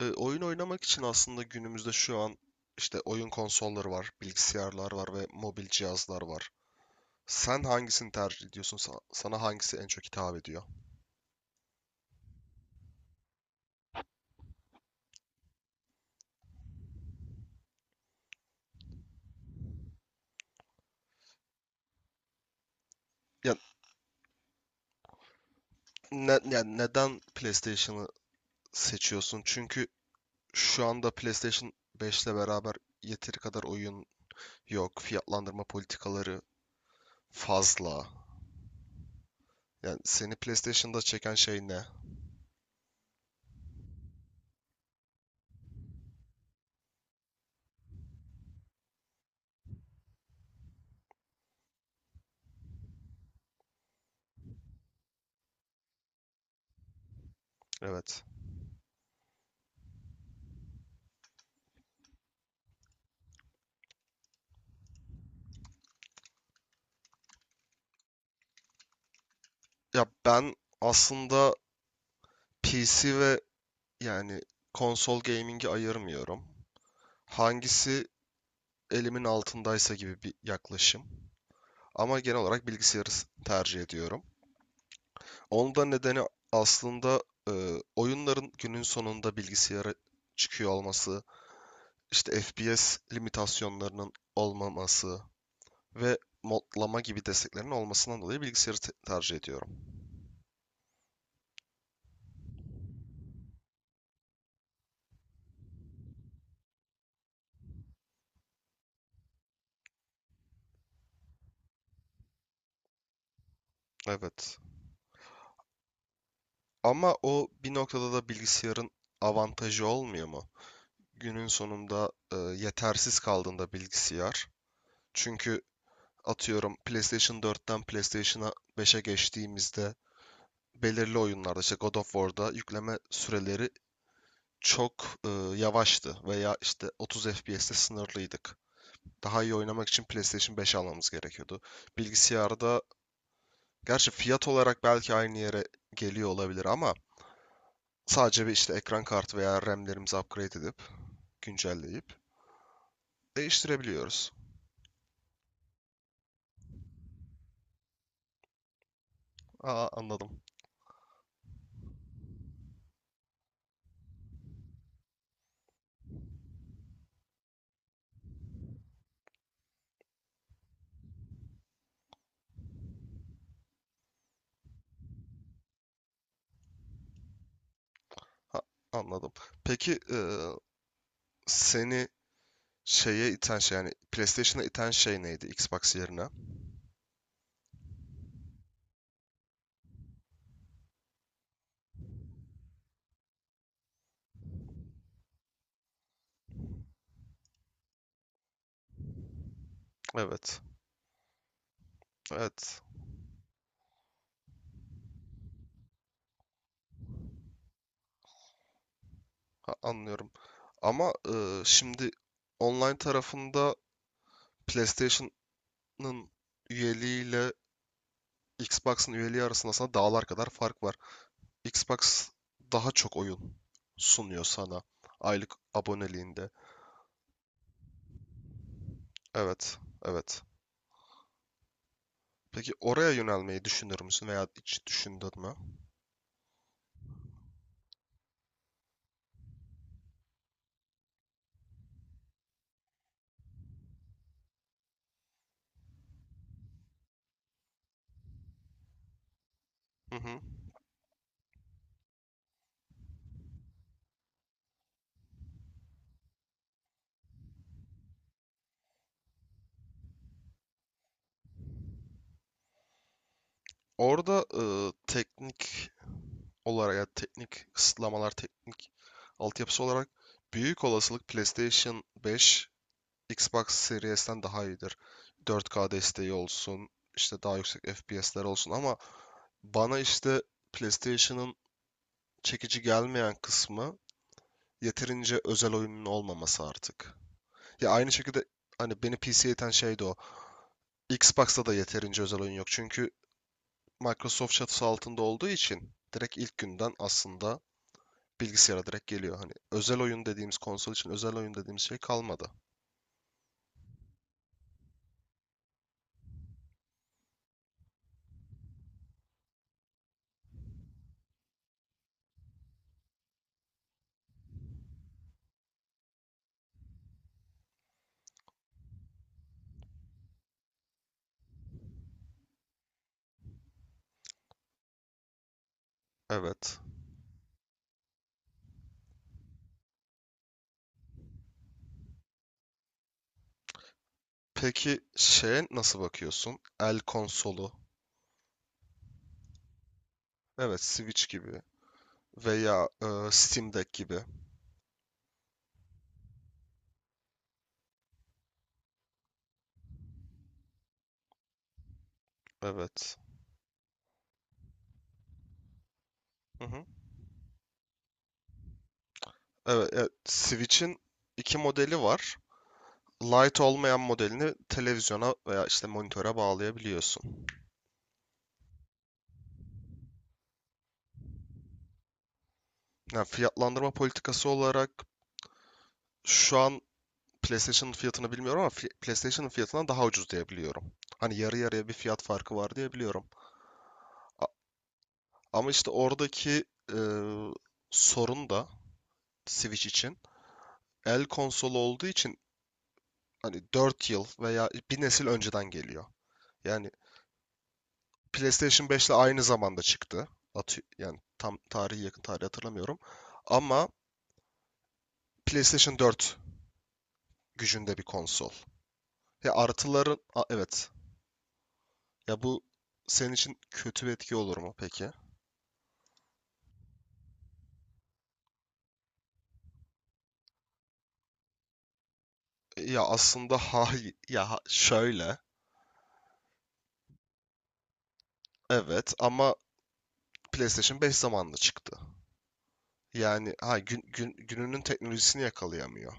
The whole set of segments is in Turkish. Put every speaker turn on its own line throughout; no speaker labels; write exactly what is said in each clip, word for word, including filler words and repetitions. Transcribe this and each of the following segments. E, oyun oynamak için aslında günümüzde şu an işte oyun konsolları var, bilgisayarlar var ve mobil cihazlar var. Sen hangisini tercih ediyorsun? Sa- Sana hangisi en çok hitap ediyor? Ya, ne, ya neden PlayStation'ı seçiyorsun? Çünkü şu anda PlayStation beş ile beraber yeteri kadar oyun yok. Fiyatlandırma politikaları fazla. Yani seni PlayStation'da çeken şey ne? Evet. Ya ben aslında P C ve yani konsol gaming'i ayırmıyorum. Hangisi elimin altındaysa gibi bir yaklaşım. Ama genel olarak bilgisayarı tercih ediyorum. Onun da nedeni aslında e, oyunların günün sonunda bilgisayara çıkıyor olması, işte F P S limitasyonlarının olmaması ve modlama gibi desteklerin olmasından dolayı bilgisayarı te- tercih ediyorum. Evet. Ama o bir noktada da bilgisayarın avantajı olmuyor mu? Günün sonunda e, yetersiz kaldığında bilgisayar. Çünkü atıyorum PlayStation dörtten PlayStation beşe geçtiğimizde belirli oyunlarda işte God of War'da yükleme süreleri çok e, yavaştı veya işte otuz F P S'te sınırlıydık. Daha iyi oynamak için PlayStation beş almamız gerekiyordu. Bilgisayarda gerçi fiyat olarak belki aynı yere geliyor olabilir ama sadece bir işte ekran kartı veya RAM'lerimizi upgrade edip güncelleyip değiştirebiliyoruz. Aa, anladım. Ha, anladım. Peki e, seni şeye iten şey yani PlayStation'a iten şey neydi Xbox yerine? Evet. Evet. Ha- anlıyorum. Ama e, şimdi online tarafında PlayStation'ın üyeliğiyle Xbox'ın üyeliği arasında sana dağlar kadar fark var. Xbox daha çok oyun sunuyor sana aylık aboneliğinde. Evet. Evet. Peki oraya yönelmeyi düşünür müsün veya hiç düşündün mü? Hı hı. Orada e, teknik olarak ya teknik kısıtlamalar, teknik altyapısı olarak büyük olasılık PlayStation beş, Xbox Series'ten daha iyidir. dört K desteği olsun, işte daha yüksek F P S'ler olsun ama bana işte PlayStation'ın çekici gelmeyen kısmı yeterince özel oyunun olmaması artık. Ya aynı şekilde hani beni P C'ye iten şey de o. Xbox'ta da yeterince özel oyun yok. Çünkü Microsoft çatısı altında olduğu için direkt ilk günden aslında Bilgisayara direkt geliyor. Hani özel oyun dediğimiz konsol için özel oyun dediğimiz şey kalmadı. Evet. Peki şeye nasıl bakıyorsun? El konsolu. Evet, Switch gibi veya e, Steam Deck gibi. Evet. Hı hı. Evet, e, Switch'in iki modeli var. Lite olmayan modelini televizyona veya işte monitöre bağlayabiliyorsun. Yani fiyatlandırma politikası olarak şu an PlayStation'ın fiyatını bilmiyorum ama fi- PlayStation'ın fiyatından daha ucuz diyebiliyorum. Hani yarı yarıya bir fiyat farkı var diyebiliyorum. A- Ama işte oradaki e, sorun da Switch için el konsolu olduğu için hani dört yıl veya bir nesil önceden geliyor. Yani PlayStation beş ile aynı zamanda çıktı. Atı- yani tam tarihi yakın tarih hatırlamıyorum. Ama PlayStation dört gücünde bir konsol. Ya artıların A- evet. Ya bu senin için kötü bir etki olur mu peki? Ya aslında hayır ya ha- şöyle. Evet ama PlayStation beş zamanında çıktı. Yani ha gün, gün- gününün teknolojisini yakalayamıyor.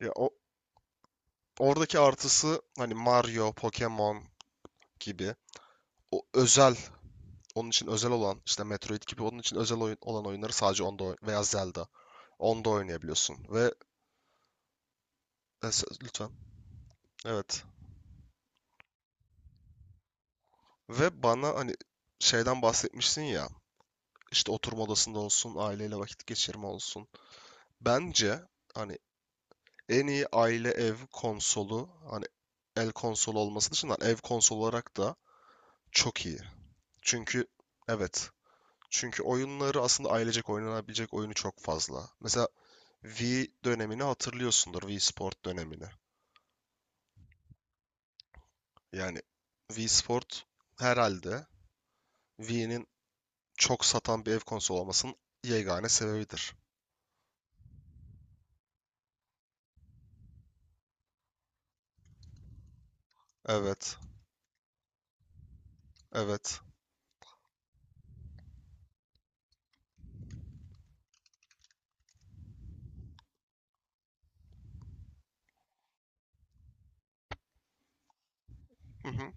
Ya o oradaki artısı hani Mario, Pokemon gibi o özel onun için özel olan işte Metroid gibi onun için özel oyun olan oyunları sadece onda oy- veya Zelda onda oynayabiliyorsun ve e, sö- lütfen evet ve bana hani şeyden bahsetmişsin ya işte oturma odasında olsun aileyle vakit geçirme olsun bence hani en iyi aile ev konsolu hani el konsolu olması dışında ev konsolu olarak da çok iyi. Çünkü evet. Çünkü oyunları aslında ailecek oynanabilecek oyunu çok fazla. Mesela Wii dönemini hatırlıyorsundur. Wii Sport dönemini. Yani Wii Sport herhalde Wii'nin çok satan bir ev konsolu olmasının yegane sebebidir. Evet. Evet. Hı hı.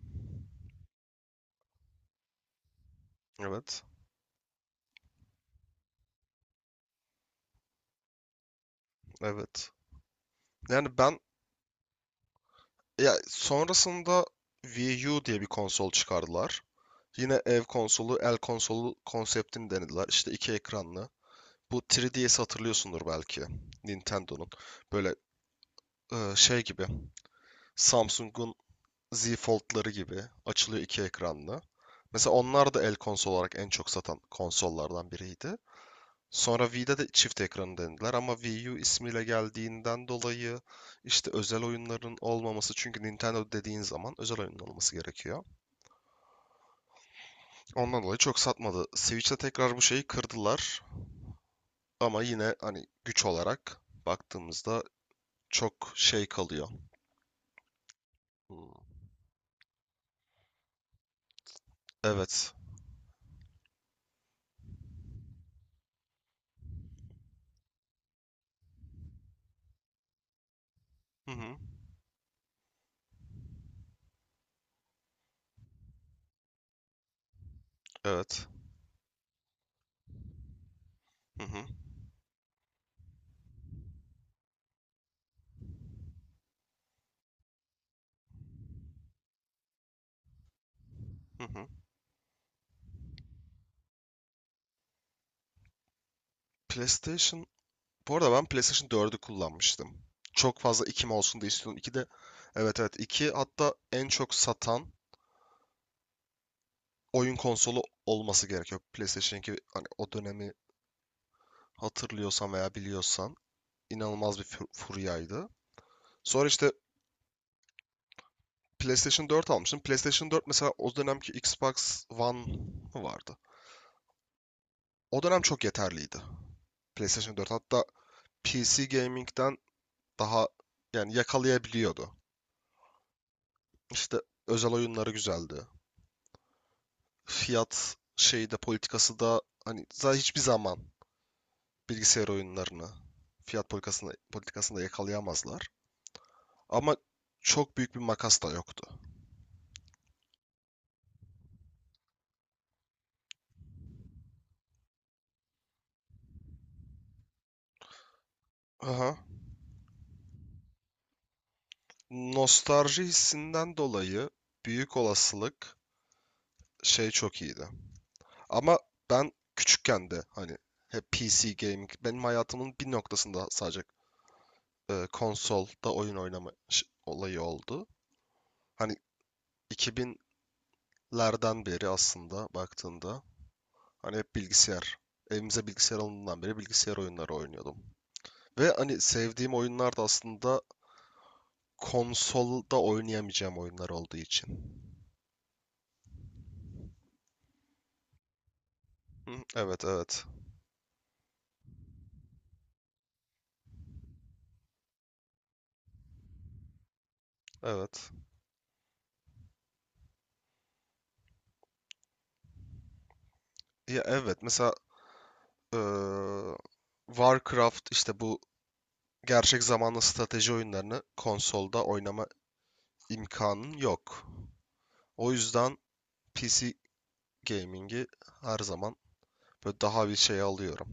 Evet. Evet. Yani ben ya sonrasında Wii U diye bir konsol çıkardılar. Yine ev konsolu, el konsolu konseptini denediler. İşte iki ekranlı. Bu üç D S'i hatırlıyorsundur belki. Nintendo'nun. Böyle e, şey gibi. Samsung'un Z Fold'ları gibi açılıyor, iki ekranlı. Mesela onlar da el konsol olarak en çok satan konsollardan biriydi. Sonra Wii'de de çift ekranı denediler ama Wii U ismiyle geldiğinden dolayı işte özel oyunların olmaması, çünkü Nintendo dediğin zaman özel oyunun olması gerekiyor. Ondan dolayı çok satmadı. Switch'te tekrar bu şeyi kırdılar ama yine hani güç olarak baktığımızda çok şey kalıyor. Hmm. Evet. Hı hı. Evet. Hı hı. Hı hı. PlayStation... Bu arada ben PlayStation dördü kullanmıştım. Çok fazla iki mi olsun diye istiyordum. iki de... Evet, evet. iki. hatta en çok satan oyun konsolu olması gerekiyor. PlayStation iki hani o dönemi hatırlıyorsan veya biliyorsan inanılmaz bir fur- furyaydı. Sonra işte PlayStation dört almıştım. PlayStation dört mesela o dönemki Xbox One mı vardı? O dönem çok yeterliydi. PlayStation dört hatta P C gaming'den daha yani yakalayabiliyordu. İşte özel oyunları güzeldi. Fiyat şeyi de politikası da hani zaten hiçbir zaman bilgisayar oyunlarını fiyat politikasında politikasında yakalayamazlar. Ama çok büyük bir makas da yoktu. Aha. Nostalji hissinden dolayı büyük olasılık şey çok iyiydi. Ama ben küçükken de hani hep P C gaming benim hayatımın bir noktasında sadece e, konsolda oyun oynama olayı oldu. Hani iki binlerden beri aslında baktığında hani hep bilgisayar. Evimize bilgisayar alındığından beri bilgisayar oyunları oynuyordum. Ve hani sevdiğim oyunlar da aslında konsolda oynayamayacağım oyunlar olduğu için. Hı, evet, evet. Evet. Ya evet mesela eee, Warcraft işte bu gerçek zamanlı strateji oyunlarını konsolda oynama imkanın yok. O yüzden P C gaming'i her zaman böyle daha bir şey alıyorum.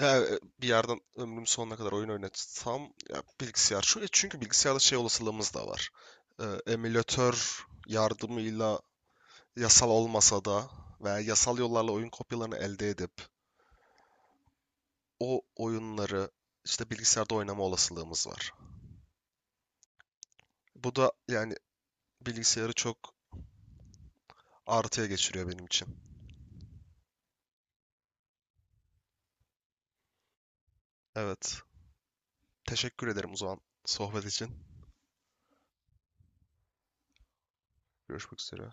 Ya, e, bir yerden ömrüm sonuna kadar oyun oynatsam ya bilgisayar. Çünkü, çünkü bilgisayarda şey olasılığımız da var. Ee, emülatör yardımıyla yasal olmasa da veya yasal yollarla oyun kopyalarını elde edip o oyunları işte bilgisayarda oynama olasılığımız var. Bu da yani bilgisayarı çok artıya geçiriyor benim için. Evet. Teşekkür ederim o zaman sohbet için. Görüşmek üzere.